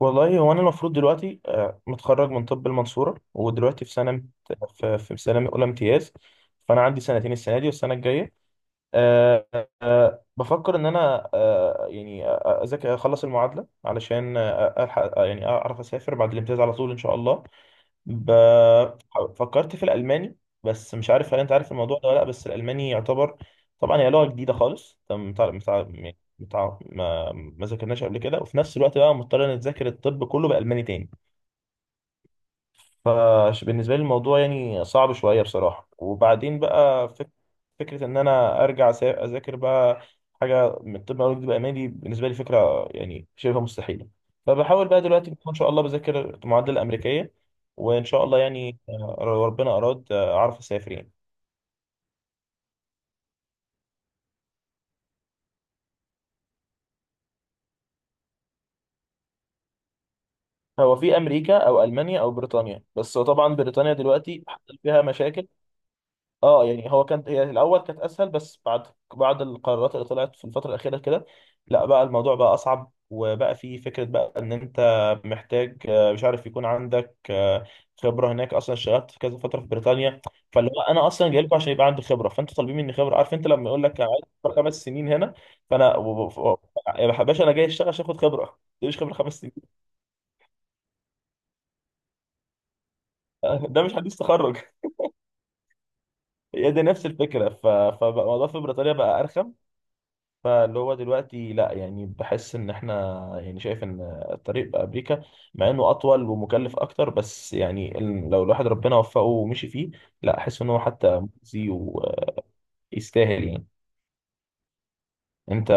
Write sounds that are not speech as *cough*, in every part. والله هو انا المفروض دلوقتي متخرج من طب المنصوره، ودلوقتي في سنه اولى امتياز. فانا عندي سنتين، السنه دي والسنه الجايه. آه، بفكر ان انا يعني اذاكر اخلص المعادله علشان الحق، يعني اعرف اسافر بعد الامتياز على طول ان شاء الله. ب... فكرت في الألماني، بس مش عارف هل أنت عارف الموضوع ده ولا لأ. بس الألماني يعتبر طبعا هي لغة جديدة خالص، أنت متع... متع... يعني متع... ما... ما ذاكرناش قبل كده، وفي نفس الوقت بقى مضطر نتذاكر الطب كله بألماني تاني. فبالنسبة لي الموضوع يعني صعب شوية بصراحة. وبعدين بقى فكرة إن أنا أرجع أذاكر بقى حاجة من طب أو طب ألماني، بالنسبة لي فكرة يعني شبه مستحيلة. فبحاول بقى دلوقتي إن شاء الله بذاكر المعادلة الأمريكية، وإن شاء الله يعني لو ربنا أراد أعرف أسافر يعني. هو في أمريكا أو ألمانيا أو بريطانيا، بس هو طبعا بريطانيا دلوقتي حصل فيها مشاكل. اه، يعني هو كانت، هي الاول كانت اسهل، بس بعد القرارات اللي طلعت في الفتره الاخيره كده، لا بقى الموضوع بقى اصعب، وبقى في فكره بقى ان انت محتاج مش عارف، يكون عندك خبره هناك اصلا، اشتغلت في كذا فتره في بريطانيا. فاللي هو انا اصلا جاي لكم عشان يبقى عندي خبره، فانتوا طالبين مني خبره. عارف انت لما يقول لك أنا عايز خبرة 5 سنين هنا، فانا يا باشا انا جاي اشتغل عشان اخد خبره دي، مش خبره 5 سنين. *laughs* ده مش حديث تخرج، هي دي نفس الفكره. فبقى الموضوع في بريطانيا بقى ارخم. فاللي هو دلوقتي لا، يعني بحس ان احنا، يعني شايف ان الطريق بامريكا، مع انه اطول ومكلف اكتر، بس يعني لو الواحد ربنا وفقه ومشي فيه، لا، احس ان هو حتى مجزي ويستاهل يعني. انت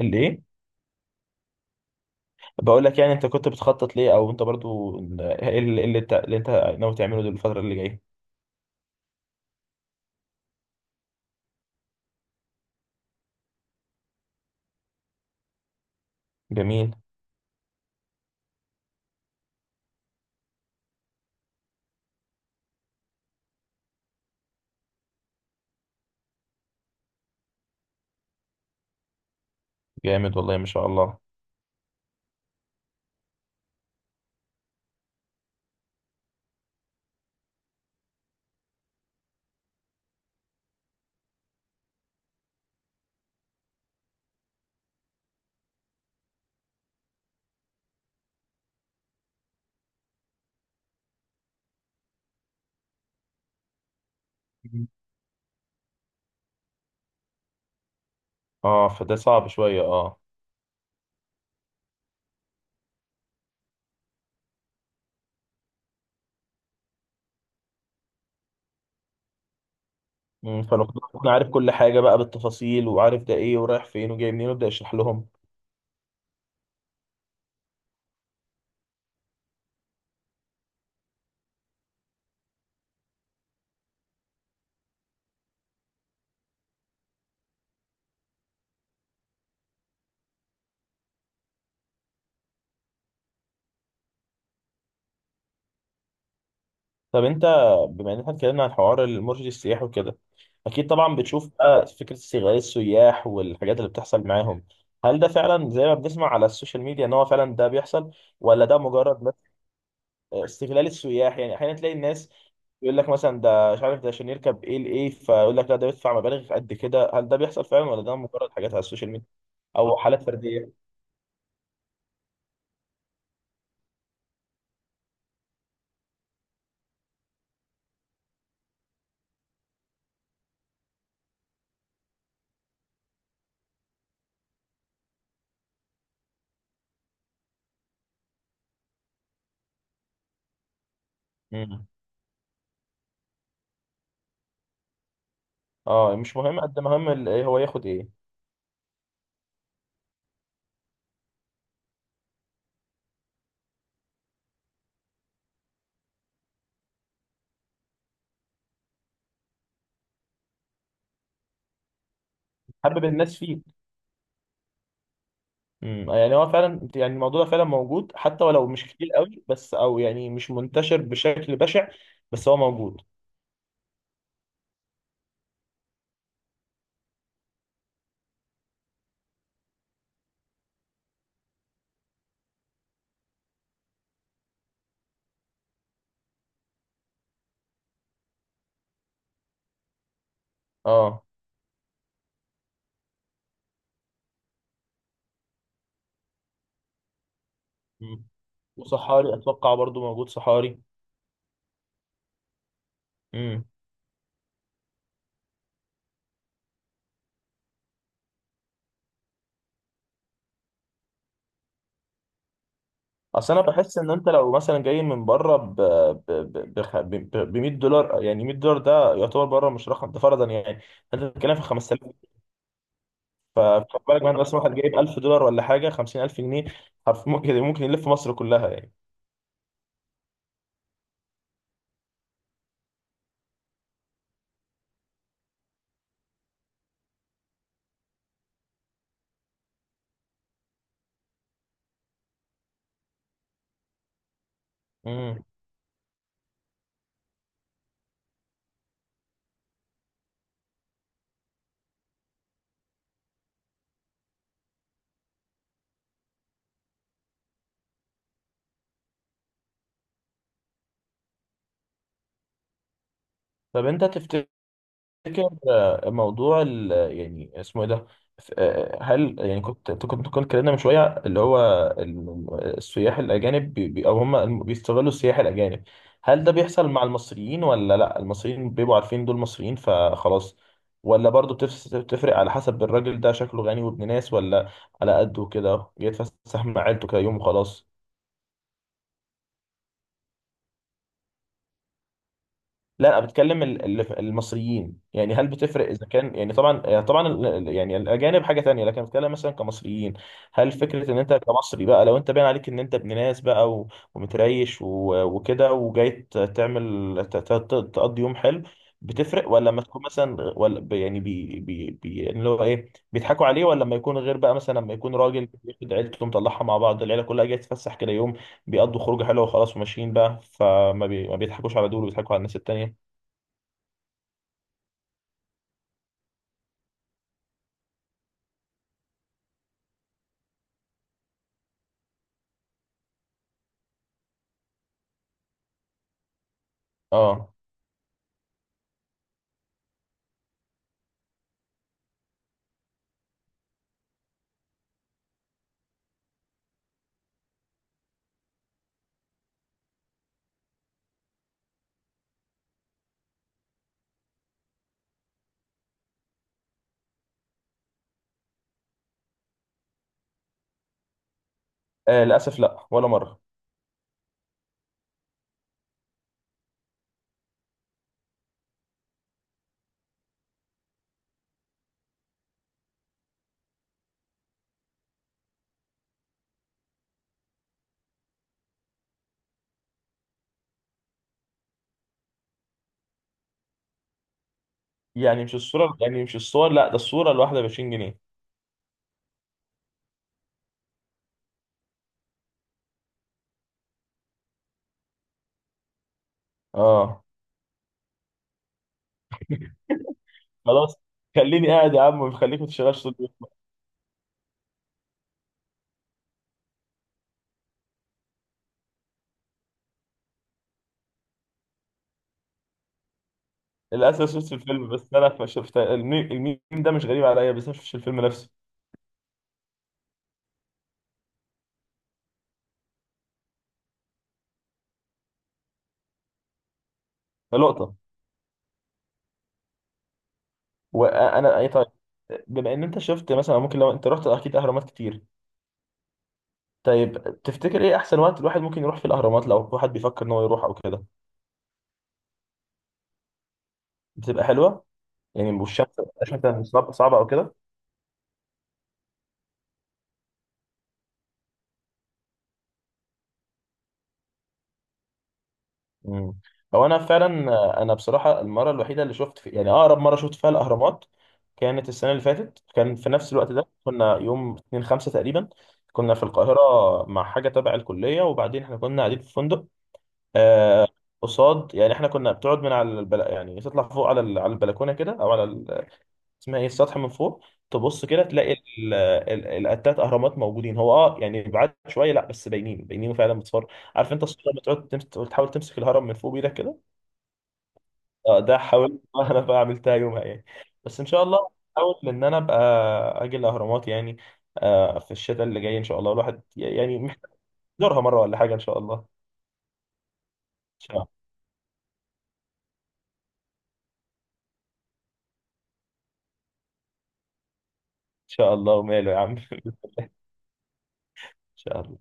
الايه؟ بقول لك، يعني انت كنت بتخطط ليه، او انت برضو ايه اللي انت ناوي تعمله دول الفترة اللي جاية؟ جميل. جامد والله، ما شاء الله. مم. اه، فده صعب شويه، اه. مم، فلو كنت أكون عارف كل حاجه بقى بالتفاصيل، وعارف ده ايه ورايح فين وجاي منين، وابدا اشرح لهم. طب انت، بما ان احنا اتكلمنا عن حوار المرشد السياحي وكده، اكيد طبعا بتشوف بقى فكره استغلال السياح والحاجات اللي بتحصل معاهم. هل ده فعلا زي ما بنسمع على السوشيال ميديا ان هو فعلا ده بيحصل، ولا ده مجرد بس؟ استغلال السياح، يعني احيانا تلاقي الناس يقول لك مثلا ده مش عارف ده عشان يركب ايه لايه، فيقول لك لا ده بيدفع مبالغ قد كده. هل ده بيحصل فعلا ولا ده مجرد حاجات على السوشيال ميديا او حالات فرديه؟ امم اه، مش مهم قد ما هم ايه، هو ياخد ايه. حبب الناس فيه. يعني هو فعلا، يعني الموضوع ده فعلا موجود، حتى ولو مش كتير قوي، بس او يعني مش منتشر بشكل بشع، بس هو موجود. اه. امم وصحاري اتوقع برضو موجود، صحاري. امم اصل انا بحس ان انت لو مثلا جاي من بره ب ب ب بخ- ب ب 100 دولار. يعني 100 دولار ده يعتبر بره مش رقم، ده فرضا يعني. انت بتتكلم في 5000. فخد بالك، مثلا مثلا واحد جايب 1000 دولار ولا حاجه، 50000 جنيه، حرف ممكن يلف مصر كلها يعني. امم طب انت تفتكر موضوع يعني اسمه ايه ده؟ هل يعني كنت اتكلمنا من شويه، اللي هو السياح الاجانب او هم بيستغلوا السياح الاجانب، هل ده بيحصل مع المصريين، ولا لا، المصريين بيبقوا عارفين دول مصريين فخلاص؟ ولا برضه بتفرق على حسب الراجل، ده شكله غني وابن ناس، ولا على قده كده جاي يتفسح مع عيلته كده يوم وخلاص؟ لا انا بتكلم المصريين. يعني هل بتفرق اذا كان، يعني طبعا، يعني الاجانب حاجه تانية، لكن بتكلم مثلا كمصريين. هل فكره ان انت كمصري بقى، لو انت باين عليك ان انت ابن ناس بقى ومتريش وكده، وجاي تعمل تقضي يوم حلو، بتفرق؟ ولا لما تكون مثلا، ولا يعني بي بي بي يعني اللي هو ايه، بيضحكوا عليه. ولا لما يكون غير بقى، مثلا لما يكون راجل بياخد عيلته مطلعها مع بعض، العيله كلها جايه تتفسح كده يوم، بيقضوا خروجه حلوه وخلاص وماشيين بقى، فما بي ما بيضحكوش على دول، وبيضحكوا على الناس التانيه. اه. للاسف لا، ولا مره. يعني مش الصوره، يعني مش الصور، لا، ده الصوره الواحده ب 20 جنيه. اه، خلاص، خليني قاعد يا عم، خليك ما تشتغلش طول اليوم. للاسف شفت الفيلم، بس انا ما شفت الميم. الميم ده مش غريب عليا، بس انا ما شفتش الفيلم نفسه. ده لقطه. وانا اي، طيب، بما ان انت شفت مثلا، ممكن لو انت رحت اكيد اهرامات كتير، طيب تفتكر ايه احسن وقت الواحد ممكن يروح في الاهرامات، لو واحد بيفكر ان هو يروح او كده؟ بتبقى حلوه يعني. والشمس، الشمس صعبه صعبه او كده؟ مم. هو انا فعلا. انا بصراحه المره الوحيده اللي شفت في، يعني اقرب مره شفت فيها الاهرامات، كانت السنه اللي فاتت. كان في نفس الوقت ده، كنا يوم 2 5 تقريبا، كنا في القاهره مع حاجه تبع الكليه. وبعدين احنا كنا قاعدين في فندق آه قصاد، يعني احنا كنا بتقعد من على يعني تطلع فوق على على البلكونه كده، او على اسمها ايه، السطح من فوق، تبص كده تلاقي التلات اهرامات موجودين. هو اه، يعني بعاد شويه، لا بس باينين باينين فعلا بتصور. عارف انت الصوره لما تقعد تحاول تمسك الهرم من فوق بايدك كده. اه، ده حاولت. *laughs* انا بقى عملتها يومها يعني. بس ان شاء الله احاول ان انا ابقى اجي الاهرامات يعني في الشتاء اللي جاي ان شاء الله. الواحد يعني محتاج يزورها مره ولا حاجه، ان شاء الله. ان شاء إن شاء الله وماله يا عم. *laughs* ان شاء الله.